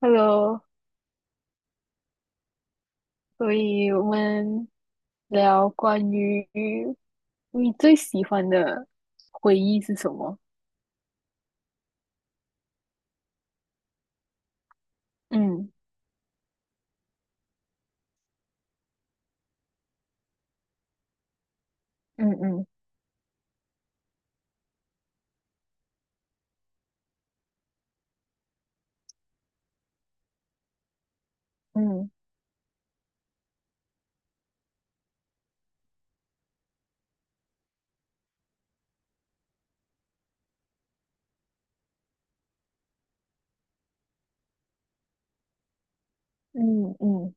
Hello，所以我们聊关于你最喜欢的回忆是什么？嗯嗯嗯嗯嗯嗯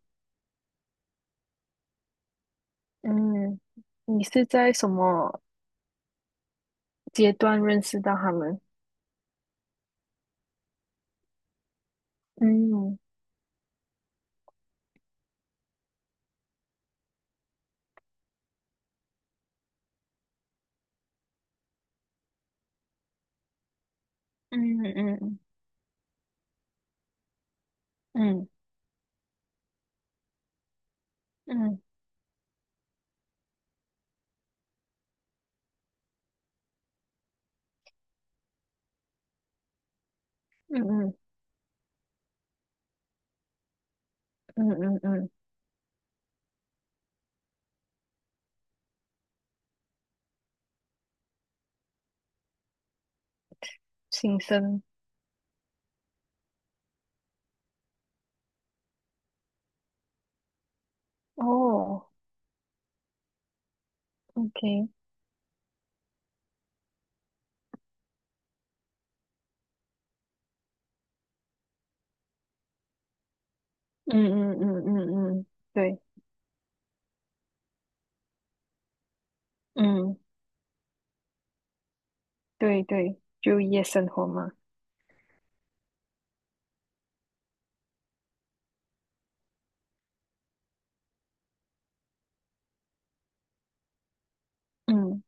嗯。你是在什么阶段认识到他们？嗯嗯嗯嗯嗯嗯嗯嗯嗯嗯。新生。哦，OK。嗯嗯嗯嗯嗯，对。嗯，对对，就夜生活嘛。嗯，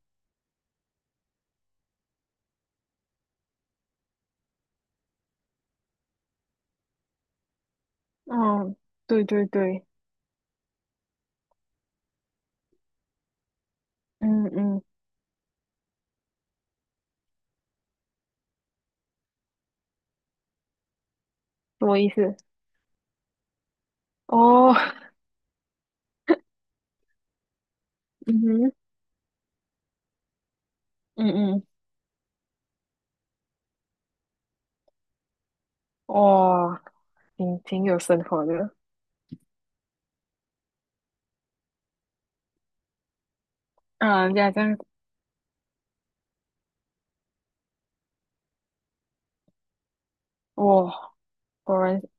哦，对对对。嗯嗯，什么意思？哦，嗯哼。嗯嗯。哇，挺有生活的。让人家这样。哇，果然是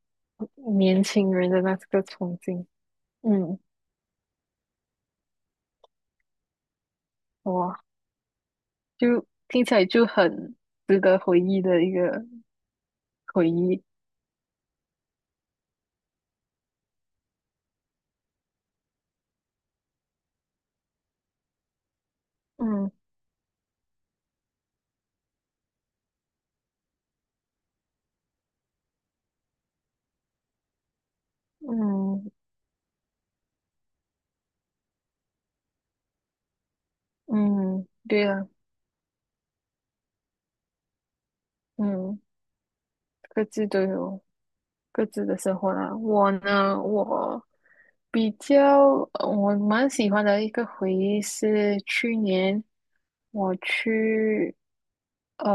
年轻人的这个冲劲。嗯。哇，就听起来就很值得回忆的一个回忆。嗯嗯嗯，对啊。嗯，各自都有。各自的生活啦。我呢，我比较我蛮喜欢的一个回忆是去年我去，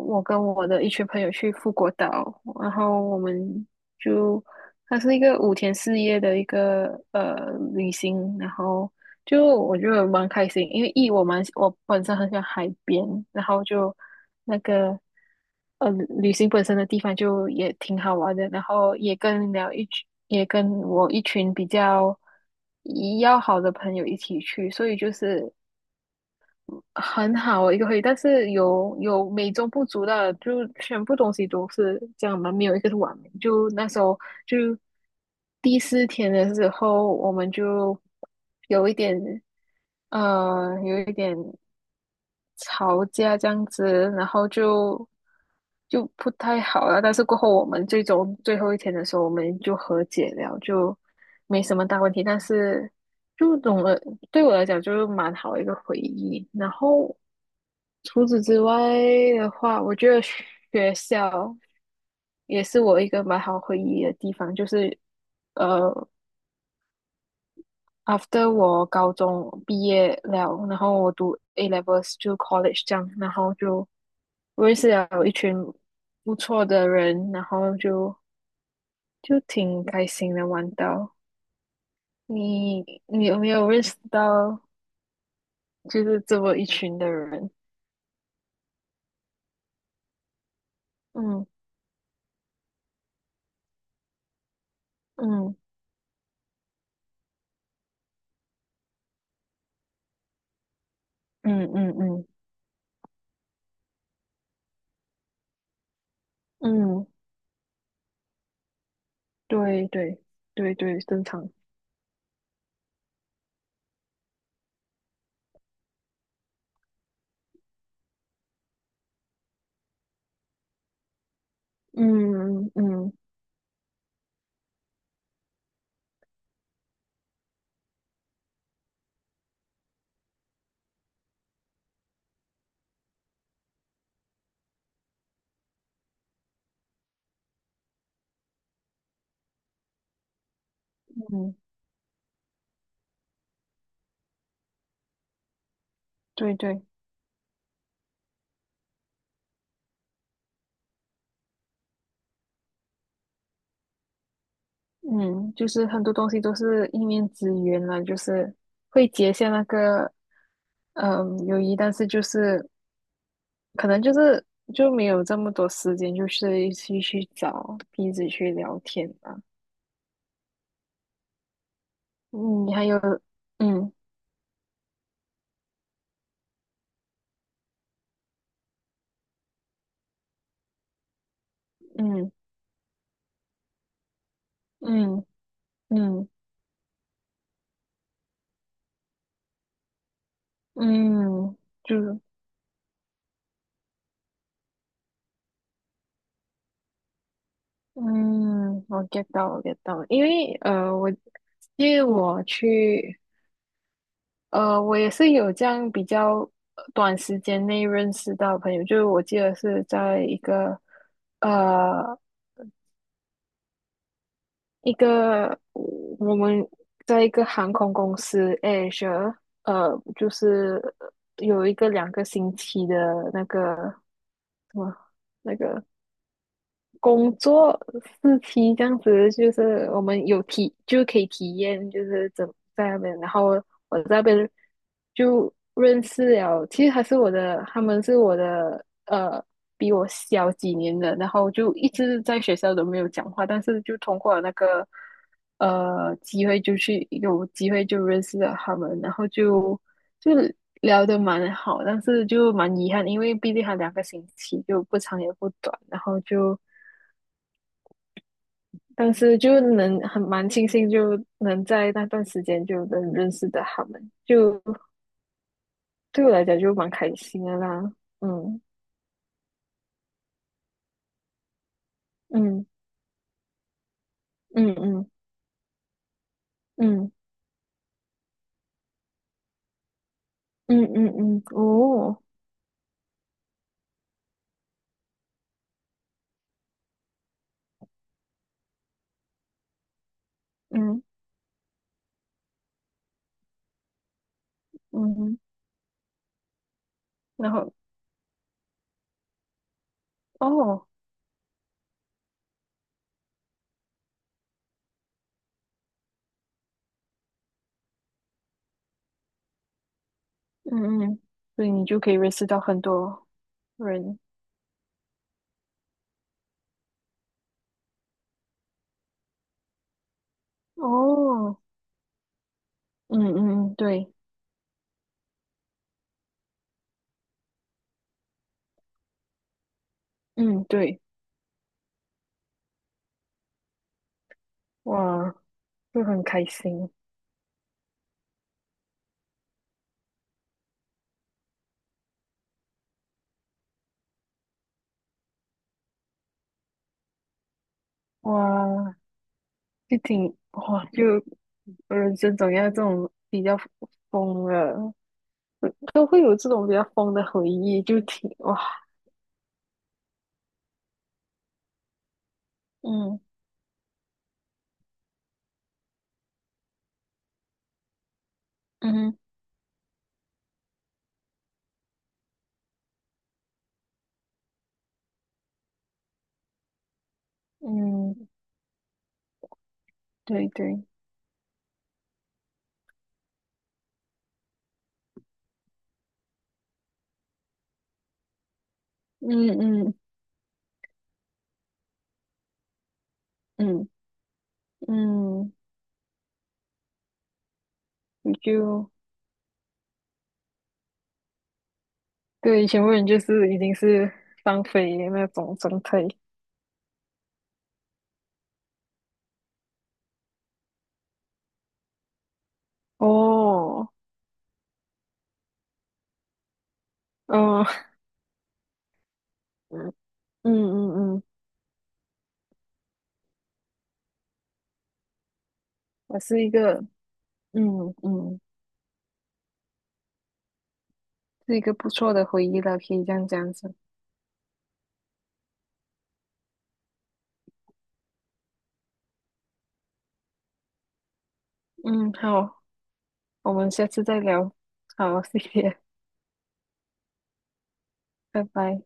我跟我的一群朋友去富国岛，然后我们就它是一个5天4夜的一个旅行，然后。就我觉得蛮开心，因为一我蛮我本身很喜欢海边，然后就那个。呃，旅行本身的地方就也挺好玩的，然后也跟了一群，也跟我一群比较要好的朋友一起去，所以就是很好的一个回忆。但是有美中不足的，就全部东西都是这样嘛，没有一个是完美。就那时候就第四天的时候，我们就有一点有一点吵架这样子，然后就不太好了。但是过后我们最后一天的时候，我们就和解了，就没什么大问题。但是就总的对我来讲，就是蛮好的一个回忆。然后除此之外的话，我觉得学校也是我一个蛮好回忆的地方，就是。呃。after 我高中毕业了，然后我读 A levels 就 college 这样，然后就认识了一群不错的人，然后就挺开心的玩到。你你有没有认识到就是这么一群的人？嗯嗯嗯嗯嗯嗯，对对对对，正常。嗯嗯嗯嗯，对对。嗯，就是很多东西都是一面之缘了，就是会结下那个嗯友谊，但是就是可能就是就没有这么多时间，就是一起去找彼此去聊天吧。嗯，还有嗯嗯嗯嗯嗯，就嗯，我 get 到我 get 到，因为我去。我也是有这样比较短时间内认识到朋友，就是我记得是在一个呃一个我们在一个航空公司 Asia，呃，就是有一个两个星期的那个什么那个工作四期这样子，就是我们就可以体验，就是在那边，然后我在那边就认识了，其实他们是我的比我小几年的，然后就一直在学校都没有讲话，但是就通过了那个机会有机会就认识了他们，然后就聊得蛮好，但是就蛮遗憾，因为毕竟还两个星期，就不长也不短，然后就。当时就能蛮庆幸，就能在那段时间就能认识的他们，就对我来讲就蛮开心的啦。嗯嗯嗯嗯嗯嗯嗯嗯。哦。嗯嗯。然后哦。嗯嗯。所以你就可以认识到很多人。哦。嗯嗯嗯。对。嗯，对。哇，就很开心。哇，就挺哇就。人生总要这种比较疯了，都会有这种比较疯的回忆，就挺哇。嗯嗯嗯，对对。嗯嗯嗯嗯。你就对以前问就是已经是放飞的那种状态。哦。哦，嗯嗯嗯。我是一个嗯嗯，是一个不错的回忆了，可以这样讲子。嗯，好，我们下次再聊。好，谢谢，拜拜。